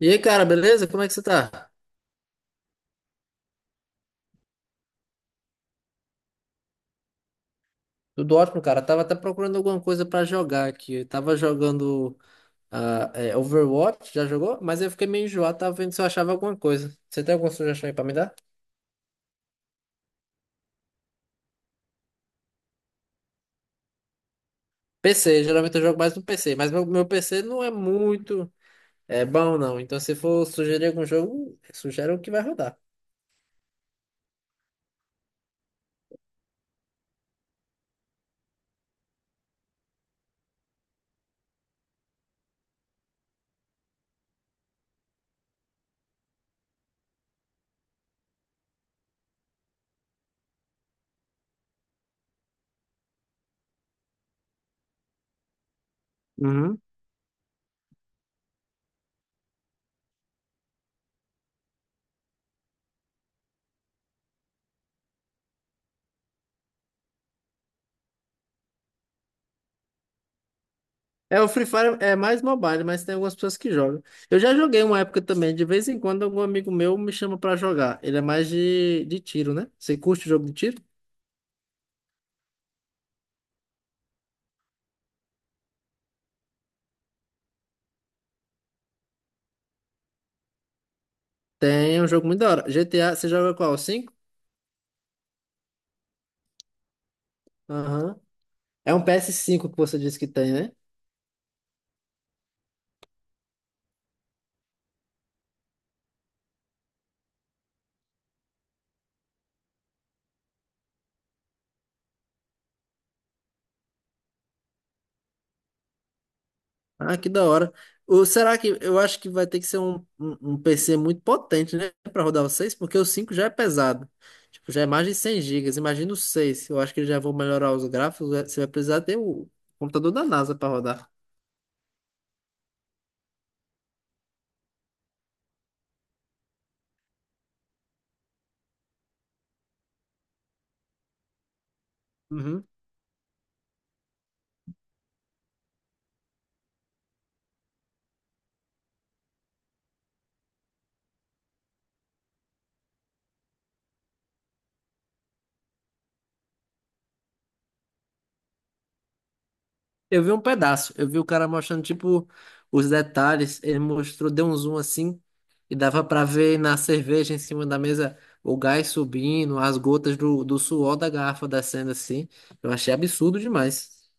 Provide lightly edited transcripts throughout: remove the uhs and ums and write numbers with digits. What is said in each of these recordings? E aí, cara, beleza? Como é que você tá? Tudo ótimo, cara. Tava até procurando alguma coisa pra jogar aqui. Eu tava jogando Overwatch, já jogou? Mas eu fiquei meio enjoado, tava vendo se eu achava alguma coisa. Você tem alguma sugestão aí pra me dar? PC, geralmente eu jogo mais no PC, mas meu PC não é muito bom, não. Então, se for sugerir algum jogo, sugere o que vai rodar. É, o Free Fire é mais mobile, mas tem algumas pessoas que jogam. Eu já joguei uma época também, de vez em quando algum amigo meu me chama pra jogar. Ele é mais de tiro, né? Você curte o jogo de tiro? Tem é um jogo muito da hora. GTA, você joga qual? O cinco? Aham. É um PS5 que você disse que tem, né? Ah, que da hora. O, será que eu acho que vai ter que ser um PC muito potente, né? Pra rodar o 6? Porque o 5 já é pesado. Tipo, já é mais de 100 gigas. Imagina o 6? Eu acho que eles já vão melhorar os gráficos. Você vai precisar ter o computador da NASA pra rodar. Uhum. Eu vi um pedaço, eu vi o cara mostrando, tipo, os detalhes, ele mostrou, deu um zoom assim, e dava pra ver na cerveja em cima da mesa o gás subindo, as gotas do suor da garrafa descendo assim. Eu achei absurdo demais.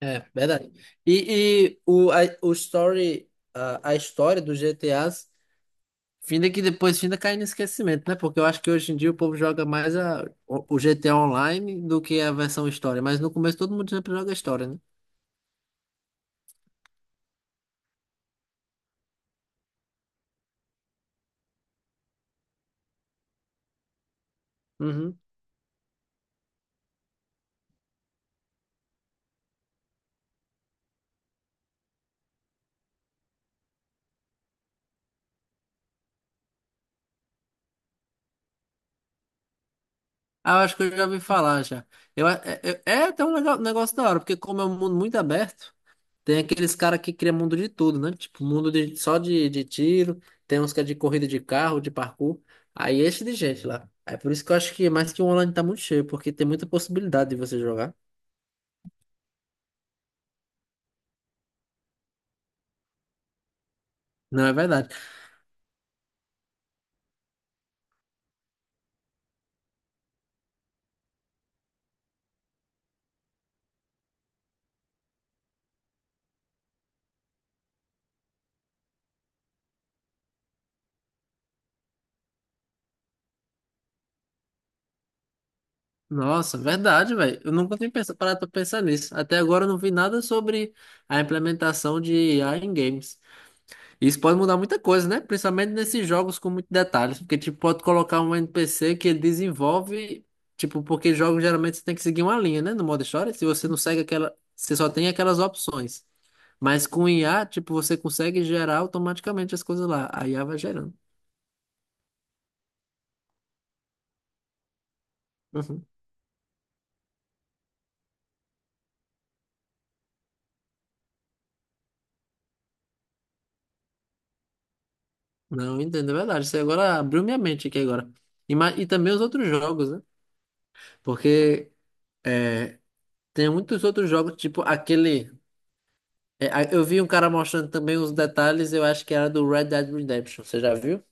É, verdade. E o, a, o story, a história dos GTAs, finda que depois finda cai no esquecimento, né? Porque eu acho que hoje em dia o povo joga mais o GTA Online do que a versão história, mas no começo todo mundo sempre joga a história, né? Uhum. Ah, eu acho que eu já ouvi falar já. Eu, a- é, é é até um negócio da hora, porque como é um mundo muito aberto, tem aqueles caras que criam mundo de tudo, né? Tipo, mundo só de de tiro, tem uns que é de corrida de carro, de parkour. Aí enche de gente lá. É por isso que eu acho que mais que o online tá muito cheio, porque tem muita possibilidade de você jogar. Não, é verdade. Nossa, verdade, velho. Eu nunca tinha parado pra pensar nisso. Até agora eu não vi nada sobre a implementação de IA em games. Isso pode mudar muita coisa, né? Principalmente nesses jogos com muitos detalhes, porque tipo pode colocar um NPC que ele desenvolve, tipo, porque jogos geralmente você tem que seguir uma linha, né, no modo história, se você não segue aquela, você só tem aquelas opções. Mas com IA, tipo, você consegue gerar automaticamente as coisas lá. A IA vai gerando. Uhum. Não, entendo, é verdade. Você agora abriu minha mente aqui agora. E, e também os outros jogos, né? Porque é, tem muitos outros jogos, tipo aquele. Eu vi um cara mostrando também os detalhes, eu acho que era do Red Dead Redemption, você já viu?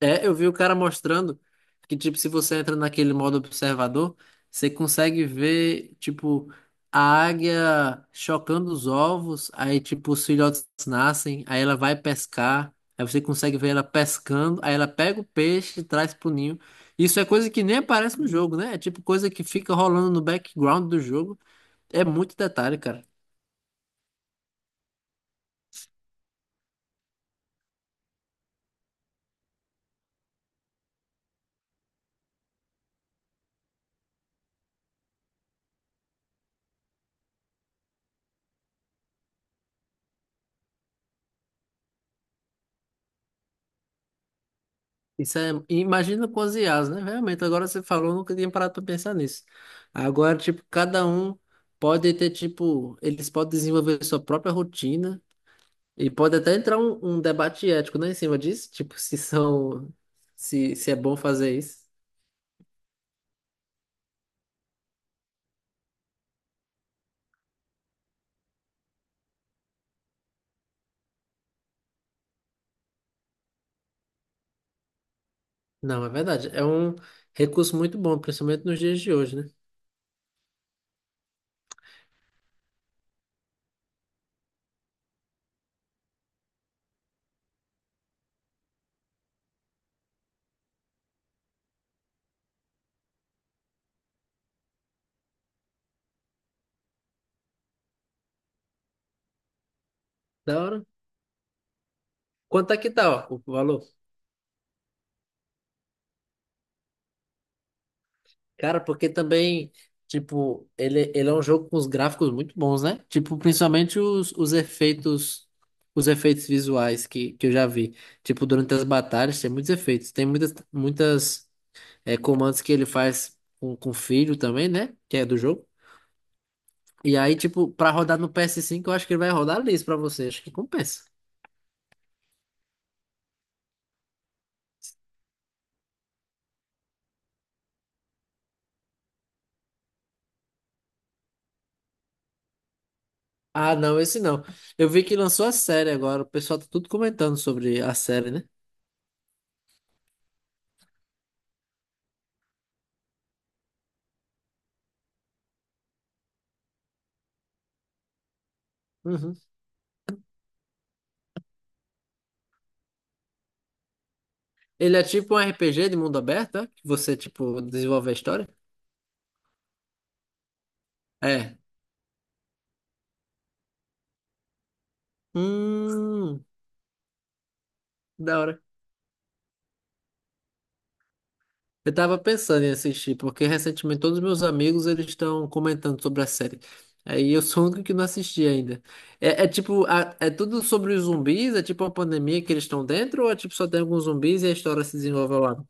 É, eu vi o cara mostrando que, tipo, se você entra naquele modo observador, você consegue ver, tipo, a águia chocando os ovos, aí, tipo, os filhotes nascem, aí ela vai pescar, aí você consegue ver ela pescando, aí ela pega o peixe e traz pro ninho. Isso é coisa que nem aparece no jogo, né? É tipo coisa que fica rolando no background do jogo. É muito detalhe, cara. Isso é, imagina com as IAs, né? Realmente, agora você falou, eu nunca tinha parado para pensar nisso. Agora, tipo, cada um pode ter, tipo, eles podem desenvolver sua própria rotina e pode até entrar um debate ético, né, em cima disso, tipo, se são, se é bom fazer isso. Não, é verdade. É um recurso muito bom, principalmente nos dias de hoje, né? Da hora. Quanto é que tá, ó, o valor? Cara, porque também, tipo, ele é um jogo com os gráficos muito bons, né? Tipo, principalmente os efeitos visuais que eu já vi. Tipo, durante as batalhas tem muitos efeitos. Tem muitas, muitas comandos que ele faz com o filho também, né? Que é do jogo. E aí, tipo, pra rodar no PS5 eu acho que ele vai rodar liso pra você. Acho que compensa. Ah, não, esse não. Eu vi que lançou a série agora. O pessoal tá tudo comentando sobre a série, né? Uhum. Ele é tipo um RPG de mundo aberto, é? Que você, tipo, desenvolve a história? É. Hum, da hora. Eu tava pensando em assistir, porque recentemente todos os meus amigos eles estão comentando sobre a série. Aí eu sou o único que não assisti ainda. É, é tipo, é tudo sobre os zumbis? É tipo uma pandemia que eles estão dentro? Ou é tipo só tem alguns zumbis e a história se desenvolve ao lado?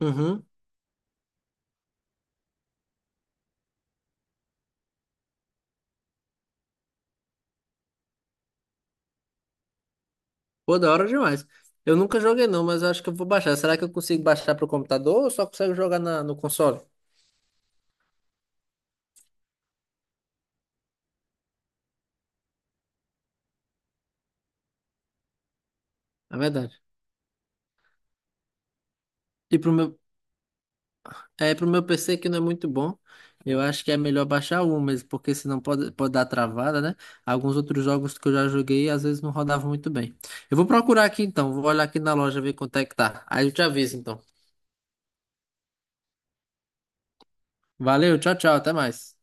Uhum. Pô, da hora demais. Eu nunca joguei não, mas eu acho que eu vou baixar. Será que eu consigo baixar pro computador ou só consigo jogar no console? É verdade. E pro meu. É, pro meu PC que não é muito bom, eu acho que é melhor baixar o um mesmo, porque senão pode dar travada, né? Alguns outros jogos que eu já joguei, às vezes não rodavam muito bem. Eu vou procurar aqui então, vou olhar aqui na loja ver quanto é que tá. Aí eu te aviso então. Valeu, tchau, tchau, até mais.